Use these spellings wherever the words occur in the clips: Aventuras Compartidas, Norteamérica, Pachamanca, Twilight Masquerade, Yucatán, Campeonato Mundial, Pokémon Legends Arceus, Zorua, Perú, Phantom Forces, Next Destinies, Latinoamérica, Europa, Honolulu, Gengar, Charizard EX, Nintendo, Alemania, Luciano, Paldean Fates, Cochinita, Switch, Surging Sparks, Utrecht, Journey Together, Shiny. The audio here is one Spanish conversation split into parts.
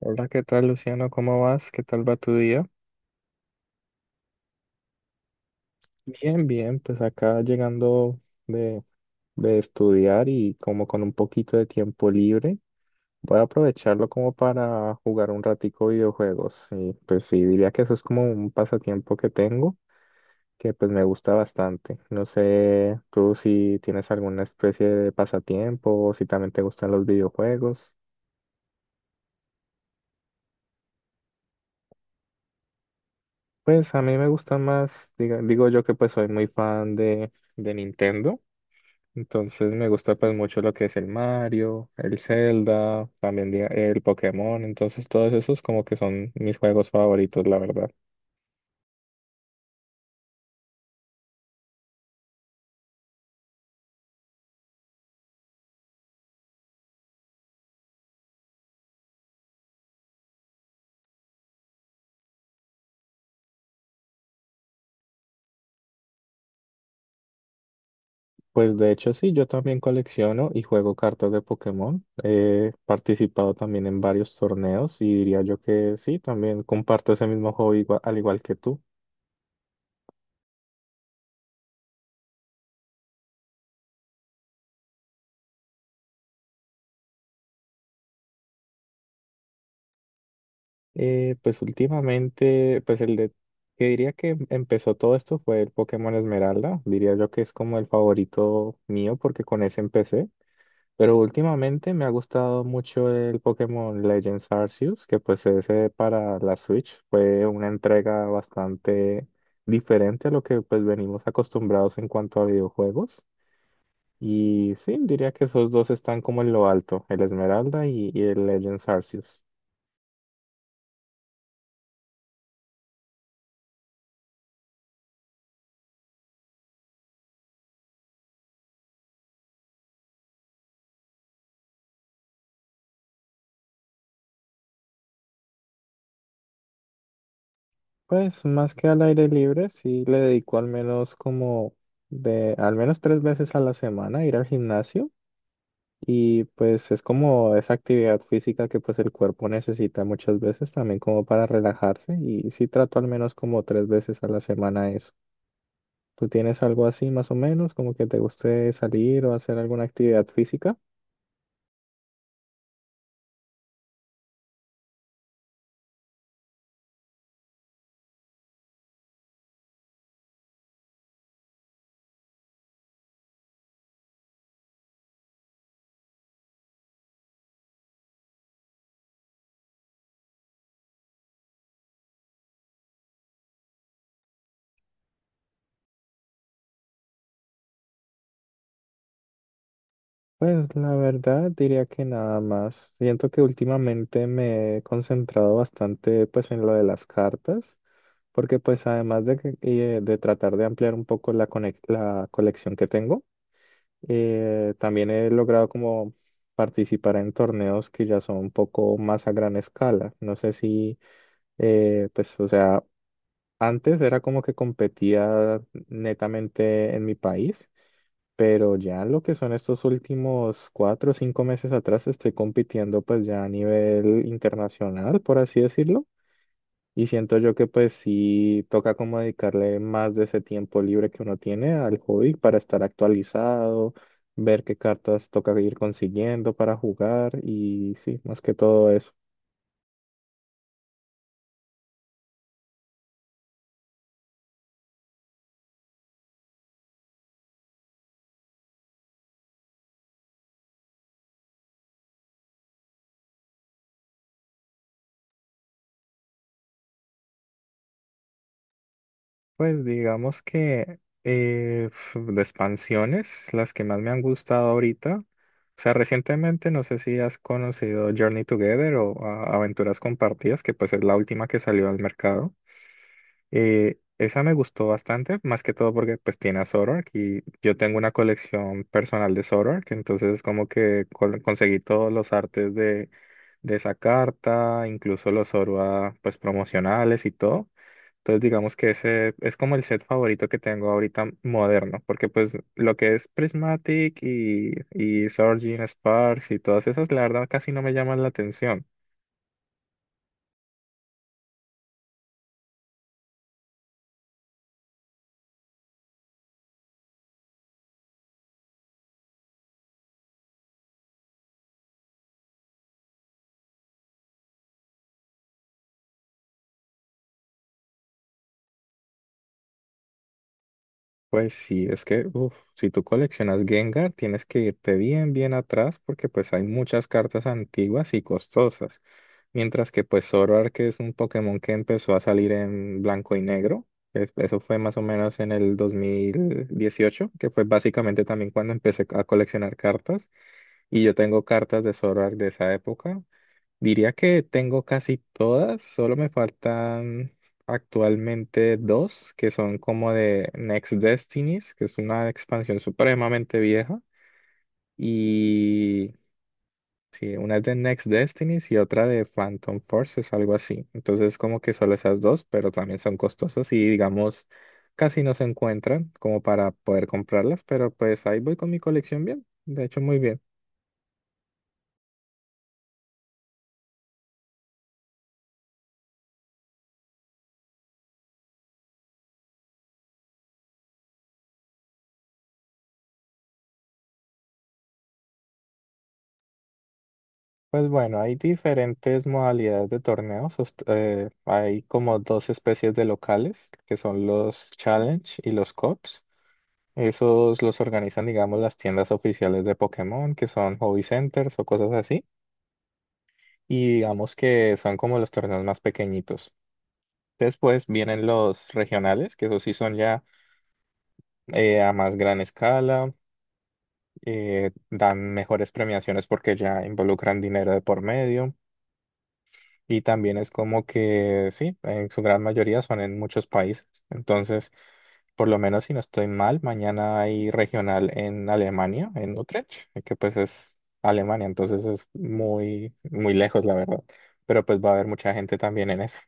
Hola, ¿qué tal, Luciano? ¿Cómo vas? ¿Qué tal va tu día? Bien, bien, pues acá llegando de, de estudiar y como con un poquito de tiempo libre, voy a aprovecharlo como para jugar un ratico videojuegos. Y pues sí, diría que eso es como un pasatiempo que tengo, que pues me gusta bastante. No sé tú si tienes alguna especie de pasatiempo o si también te gustan los videojuegos. Pues a mí me gustan más, digo yo que pues soy muy fan de Nintendo. Entonces me gusta pues mucho lo que es el Mario, el Zelda, también el Pokémon, entonces todos esos como que son mis juegos favoritos, la verdad. Pues de hecho sí, yo también colecciono y juego cartas de Pokémon. He participado también en varios torneos y diría yo que sí, también comparto ese mismo hobby al igual que tú. Pues últimamente, pues el de que diría que empezó todo esto fue el Pokémon Esmeralda. Diría yo que es como el favorito mío porque con ese empecé. Pero últimamente me ha gustado mucho el Pokémon Legends Arceus, que pues ese para la Switch fue una entrega bastante diferente a lo que pues venimos acostumbrados en cuanto a videojuegos. Y sí, diría que esos dos están como en lo alto, el Esmeralda y el Legends Arceus. Pues más que al aire libre, sí le dedico al menos como de al menos tres veces a la semana ir al gimnasio y pues es como esa actividad física que pues el cuerpo necesita muchas veces también como para relajarse y sí trato al menos como tres veces a la semana eso. ¿Tú tienes algo así más o menos como que te guste salir o hacer alguna actividad física? Pues la verdad diría que nada más. Siento que últimamente me he concentrado bastante pues en lo de las cartas, porque pues además de, de tratar de ampliar un poco la, la colección que tengo, también he logrado como participar en torneos que ya son un poco más a gran escala. No sé si, pues, o sea, antes era como que competía netamente en mi país, pero ya lo que son estos últimos cuatro o cinco meses atrás estoy compitiendo pues ya a nivel internacional, por así decirlo. Y siento yo que pues sí toca como dedicarle más de ese tiempo libre que uno tiene al hobby para estar actualizado, ver qué cartas toca ir consiguiendo para jugar y sí, más que todo eso. Pues digamos que de expansiones, las que más me han gustado ahorita, o sea, recientemente no sé si has conocido Journey Together o ah, Aventuras Compartidas, que pues es la última que salió al mercado. Esa me gustó bastante, más que todo porque pues tiene a Zoroark y yo tengo una colección personal de Zoroark, entonces como que conseguí todos los artes de esa carta, incluso los Zorua pues promocionales y todo. Entonces digamos que ese es como el set favorito que tengo ahorita moderno, porque pues lo que es Prismatic y Surging Sparks y todas esas, la verdad casi no me llaman la atención. Pues sí, es que uf, si tú coleccionas Gengar, tienes que irte bien, bien atrás porque pues hay muchas cartas antiguas y costosas. Mientras que pues Zoroark, que es un Pokémon que empezó a salir en blanco y negro, eso fue más o menos en el 2018, que fue básicamente también cuando empecé a coleccionar cartas. Y yo tengo cartas de Zoroark de esa época. Diría que tengo casi todas, solo me faltan actualmente dos, que son como de Next Destinies, que es una expansión supremamente vieja, y sí, una es de Next Destinies y otra de Phantom Forces, algo así. Entonces como que solo esas dos, pero también son costosas y digamos casi no se encuentran como para poder comprarlas, pero pues ahí voy con mi colección bien, de hecho muy bien. Pues bueno, hay diferentes modalidades de torneos. Hay como dos especies de locales, que son los Challenge y los Cups. Esos los organizan, digamos, las tiendas oficiales de Pokémon, que son hobby centers o cosas así. Y digamos que son como los torneos más pequeñitos. Después vienen los regionales, que esos sí son ya a más gran escala, dan mejores premiaciones porque ya involucran dinero de por medio. Y también es como que, sí, en su gran mayoría son en muchos países. Entonces, por lo menos si no estoy mal, mañana hay regional en Alemania, en Utrecht, que pues es Alemania, entonces es muy, muy lejos, la verdad. Pero pues va a haber mucha gente también en eso.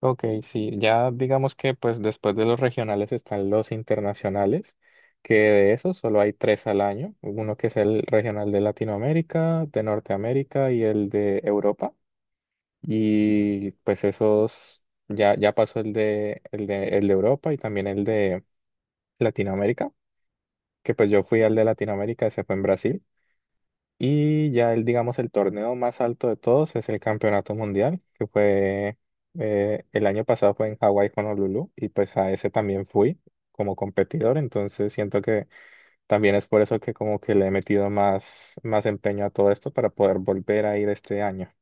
Ok, sí, ya digamos que pues después de los regionales están los internacionales, que de esos solo hay tres al año, uno que es el regional de Latinoamérica, de Norteamérica y el de Europa. Y pues esos, ya, ya pasó el de Europa y también el de Latinoamérica, que pues yo fui al de Latinoamérica, ese fue en Brasil. Y ya el, digamos, el torneo más alto de todos es el Campeonato Mundial, que fue, el año pasado fue en Hawái, Honolulu, y pues a ese también fui como competidor, entonces siento que también es por eso que como que le he metido más, más empeño a todo esto para poder volver a ir este año.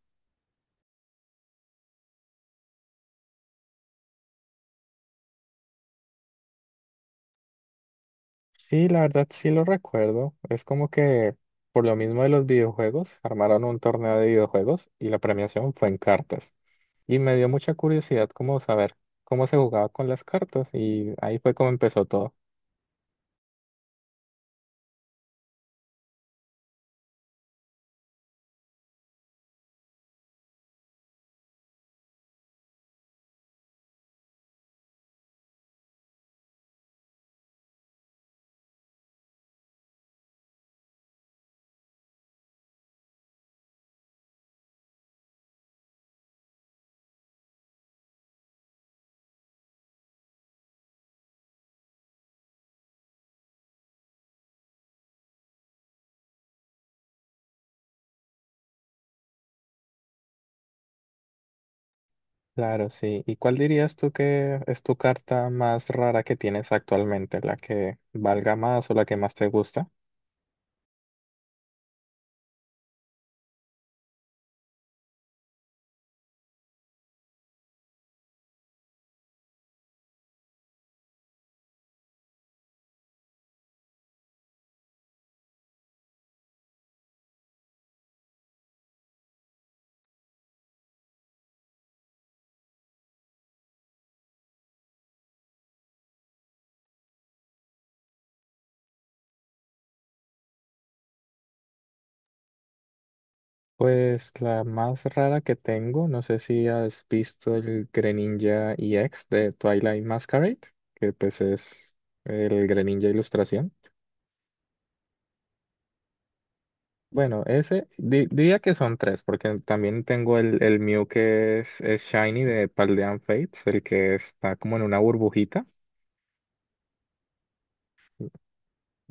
Sí, la verdad sí lo recuerdo. Es como que por lo mismo de los videojuegos, armaron un torneo de videojuegos y la premiación fue en cartas. Y me dio mucha curiosidad como saber cómo se jugaba con las cartas y ahí fue como empezó todo. Claro, sí. ¿Y cuál dirías tú que es tu carta más rara que tienes actualmente? ¿La que valga más o la que más te gusta? Pues la más rara que tengo, no sé si has visto el Greninja EX de Twilight Masquerade, que pues es el Greninja Ilustración. Bueno, ese diría que son tres, porque también tengo el Mew es Shiny de Paldean Fates, el que está como en una burbujita,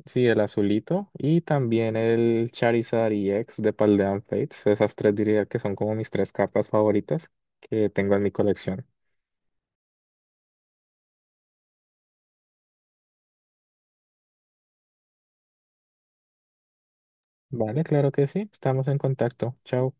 sí, el azulito, y también el Charizard EX de Paldean Fates. Esas tres diría que son como mis tres cartas favoritas que tengo en mi colección. Vale, claro que sí. Estamos en contacto. Chao.